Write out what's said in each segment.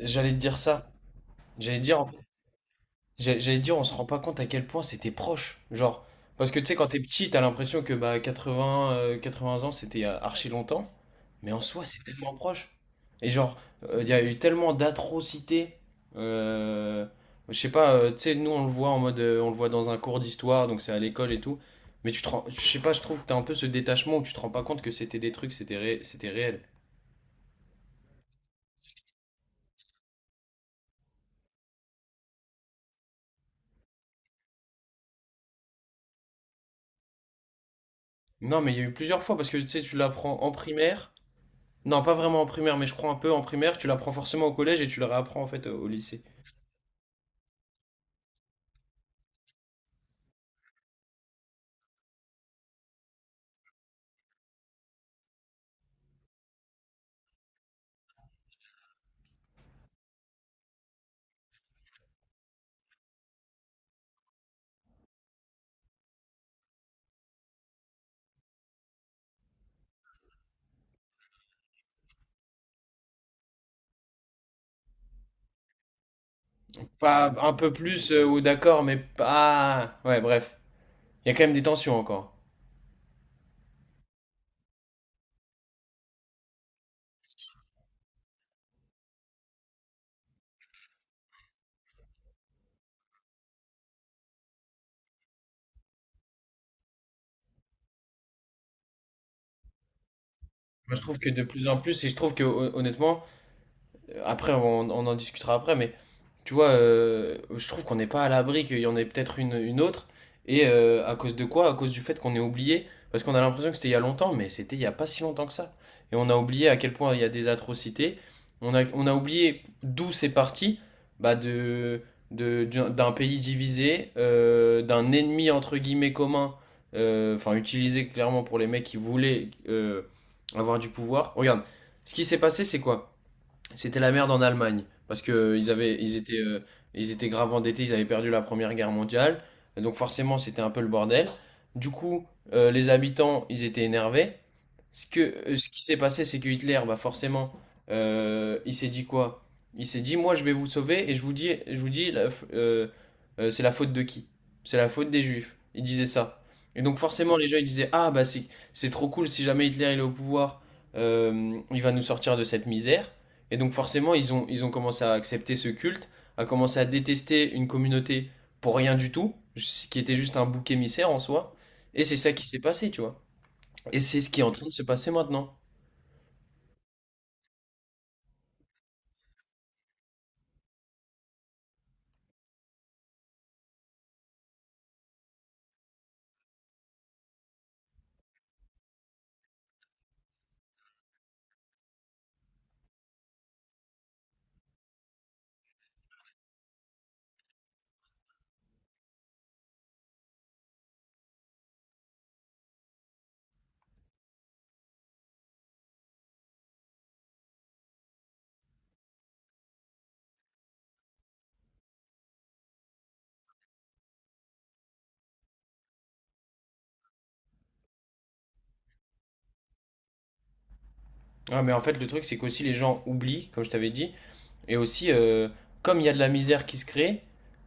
J'allais te dire ça. J'allais te dire, j'allais te dire, on se rend pas compte à quel point c'était proche. Genre, parce que tu sais, quand t'es petit, t'as l'impression que bah 80, 80 ans, c'était archi longtemps. Mais en soi, c'est tellement proche. Et genre, il y a eu tellement d'atrocités. Euh, je sais pas, tu sais, nous, on le voit en mode, on le voit dans un cours d'histoire, donc c'est à l'école et tout. Mais je sais pas, je trouve que t'as un peu ce détachement où tu te rends pas compte que c'était des trucs, c'était c'était réel. Non, mais il y a eu plusieurs fois parce que tu sais, tu l'apprends en primaire. Non, pas vraiment en primaire, mais je prends un peu en primaire. Tu l'apprends forcément au collège et tu le réapprends en fait au lycée. Pas un peu plus, ou d'accord, mais pas. Ouais, bref. Il y a quand même des tensions encore. Moi, je trouve que de plus en plus, et je trouve que honnêtement, après, on en discutera après, mais tu vois, je trouve qu'on n'est pas à l'abri, qu'il y en ait peut-être une autre. Et à cause de quoi? À cause du fait qu'on est oublié. Parce qu'on a l'impression que c'était il y a longtemps, mais c'était il y a pas si longtemps que ça. Et on a oublié à quel point il y a des atrocités. On a oublié d'où c'est parti, bah de d'un pays divisé, d'un ennemi entre guillemets commun, enfin utilisé clairement pour les mecs qui voulaient avoir du pouvoir. Regarde, ce qui s'est passé, c'est quoi? C'était la merde en Allemagne parce que ils étaient grave endettés, ils avaient perdu la Première Guerre mondiale, et donc forcément c'était un peu le bordel. Du coup, les habitants, ils étaient énervés. Ce que, ce qui s'est passé, c'est que Hitler, bah forcément, il s'est dit quoi? Il s'est dit, moi je vais vous sauver et je vous dis, c'est la faute de qui? C'est la faute des Juifs. Il disait ça. Et donc forcément, les gens ils disaient, ah bah c'est trop cool si jamais Hitler il est au pouvoir, il va nous sortir de cette misère. Et donc forcément, ils ont commencé à accepter ce culte, à commencer à détester une communauté pour rien du tout, ce qui était juste un bouc émissaire en soi. Et c'est ça qui s'est passé, tu vois. Et c'est ce qui est en train de se passer maintenant. Ah, mais en fait, le truc, c'est qu'aussi les gens oublient, comme je t'avais dit, et aussi, comme il y a de la misère qui se crée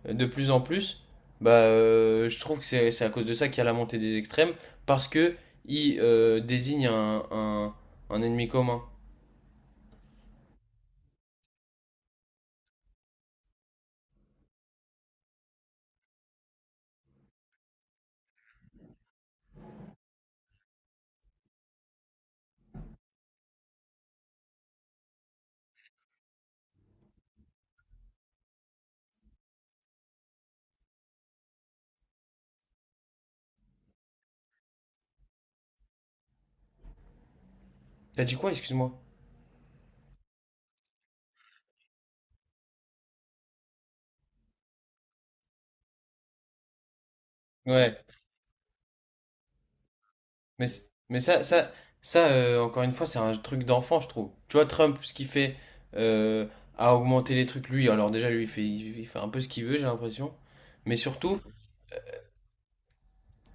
de plus en plus, je trouve que c'est à cause de ça qu'il y a la montée des extrêmes, parce que ils désignent un ennemi commun. T'as dit quoi, excuse-moi? Ouais. Mais, c- mais ça, encore une fois, c'est un truc d'enfant, je trouve. Tu vois, Trump, ce qu'il fait euh, à augmenter les trucs, lui, alors déjà, lui, il fait un peu ce qu'il veut, j'ai l'impression. Mais surtout,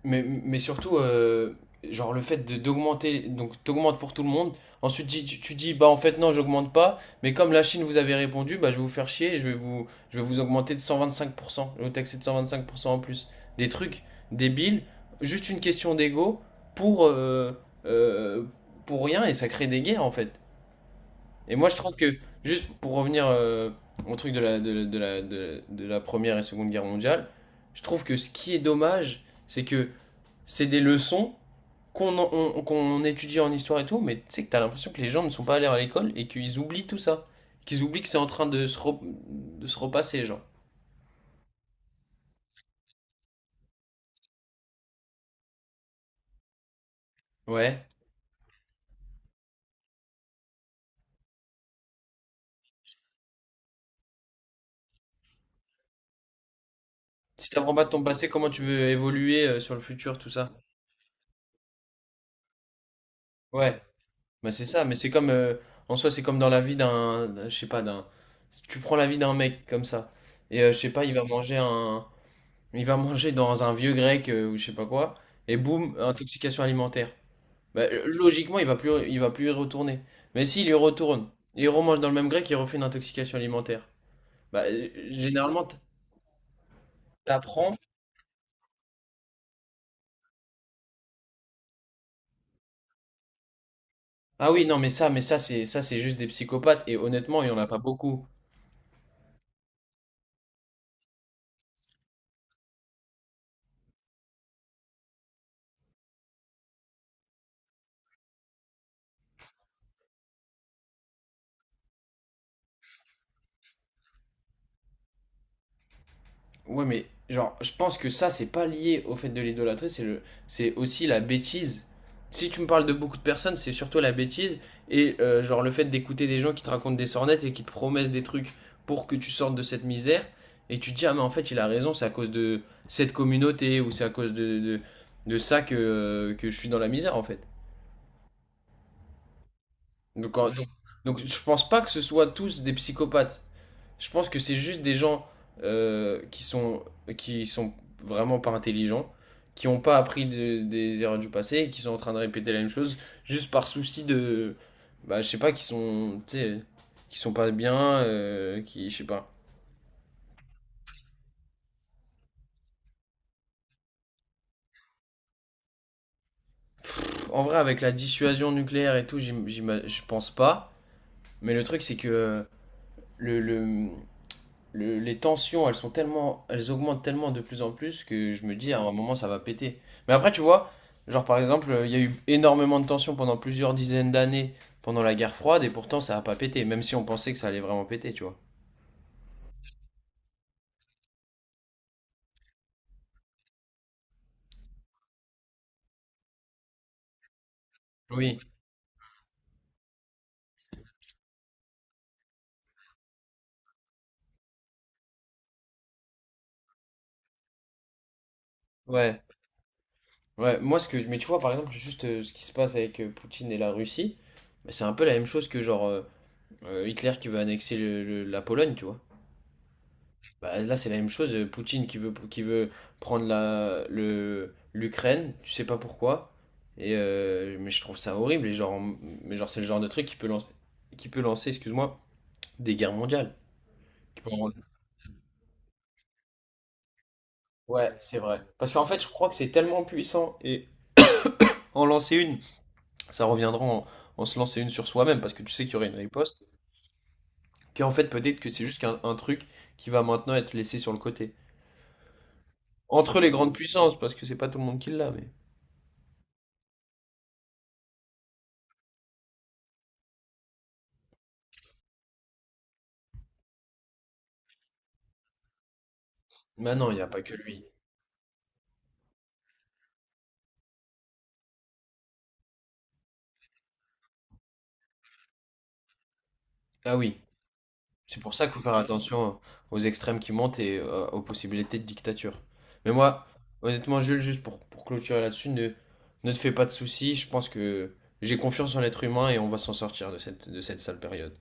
mais surtout, genre le fait d'augmenter, donc t'augmentes pour tout le monde. Ensuite, tu dis, bah en fait, non, j'augmente pas. Mais comme la Chine vous avait répondu, bah je vais vous faire chier, je vais vous augmenter de 125%, je vais vous taxer de 125% en plus. Des trucs débiles, juste une question d'ego pour, euh, euh, pour rien et ça crée des guerres en fait. Et moi, je trouve que, juste pour revenir au truc de la, de, la- de la, de la de la première et seconde guerre mondiale, je trouve que ce qui est dommage, c'est que c'est des leçons qu'on étudie en histoire et tout, mais tu sais que t'as l'impression que les gens ne sont pas allés à l'école et qu'ils oublient tout ça. Qu'ils oublient que c'est en train de se repasser, genre. Ouais. Si t'apprends pas de ton passé, comment tu veux évoluer sur le futur, tout ça? Ouais. Bah c'est ça, mais en soi, c'est comme dans la vie je sais pas, tu prends la vie d'un mec comme ça. Et je sais pas, il va manger dans un vieux grec ou je sais pas quoi. Et boum, intoxication alimentaire. Logiquement, il va plus y retourner. Mais s'il y retourne, il remange dans le même grec, il refait une intoxication alimentaire. Généralement, t'apprends. Ah oui, non, mais ça, c'est juste des psychopathes. Et honnêtement, il y en a pas beaucoup. Ouais, mais genre, je pense que ça, c'est pas lié au fait de l'idolâtrer, c'est aussi la bêtise. Si tu me parles de beaucoup de personnes, c'est surtout la bêtise et genre le fait d'écouter des gens qui te racontent des sornettes et qui te promettent des trucs pour que tu sortes de cette misère et tu te dis ah mais en fait il a raison, c'est à cause de cette communauté ou c'est à cause de ça que je suis dans la misère en fait. Donc, en- donc, donc, je pense pas que ce soit tous des psychopathes. Je pense que c'est juste des gens euh, qui sont, qui sont vraiment pas intelligents, qui n'ont pas appris des erreurs du passé et qui sont en train de répéter la même chose juste par souci de. Bah, je sais pas, qui sont. Tu sais, qui sont pas bien, qui. Je sais pas. En vrai, avec la dissuasion nucléaire et tout, je pense pas. Mais le truc, c'est que le, le, les tensions, elles sont tellement, elles augmentent tellement de plus en plus que je me dis à un moment ça va péter. Mais après, tu vois, genre par exemple, il y a eu énormément de tensions pendant plusieurs dizaines d'années pendant la guerre froide et pourtant ça a pas pété, même si on pensait que ça allait vraiment péter, tu vois. Oui, ouais, ouais. Moi, ce que, mais tu vois, par exemple, juste ce qui se passe avec Poutine et la Russie, bah, c'est un peu la même chose que Hitler qui veut annexer la Pologne, tu vois. Bah, là, c'est la même chose. Poutine qui veut prendre l'Ukraine, tu sais pas pourquoi. Et, mais je trouve ça horrible. Et mais genre, c'est le genre de truc qui peut lancer, excuse-moi, des guerres mondiales. Qui peut en- Ouais, c'est vrai. Parce qu'en fait, je crois que c'est tellement puissant. Et en lancer une, ça reviendra en se lancer une sur soi-même, parce que tu sais qu'il y aurait une riposte. Qu'en fait, peut-être que c'est juste qu'un un truc qui va maintenant être laissé sur le côté. Entre les grandes puissances, parce que c'est pas tout le monde qui l'a, mais. Bah non, il n'y a pas que lui. Ah oui. C'est pour ça qu'il faut faire attention aux extrêmes qui montent et aux possibilités de dictature. Mais moi, honnêtement, Jules, juste pour clôturer là-dessus, ne te fais pas de soucis. Je pense que j'ai confiance en l'être humain et on va s'en sortir de de cette sale période.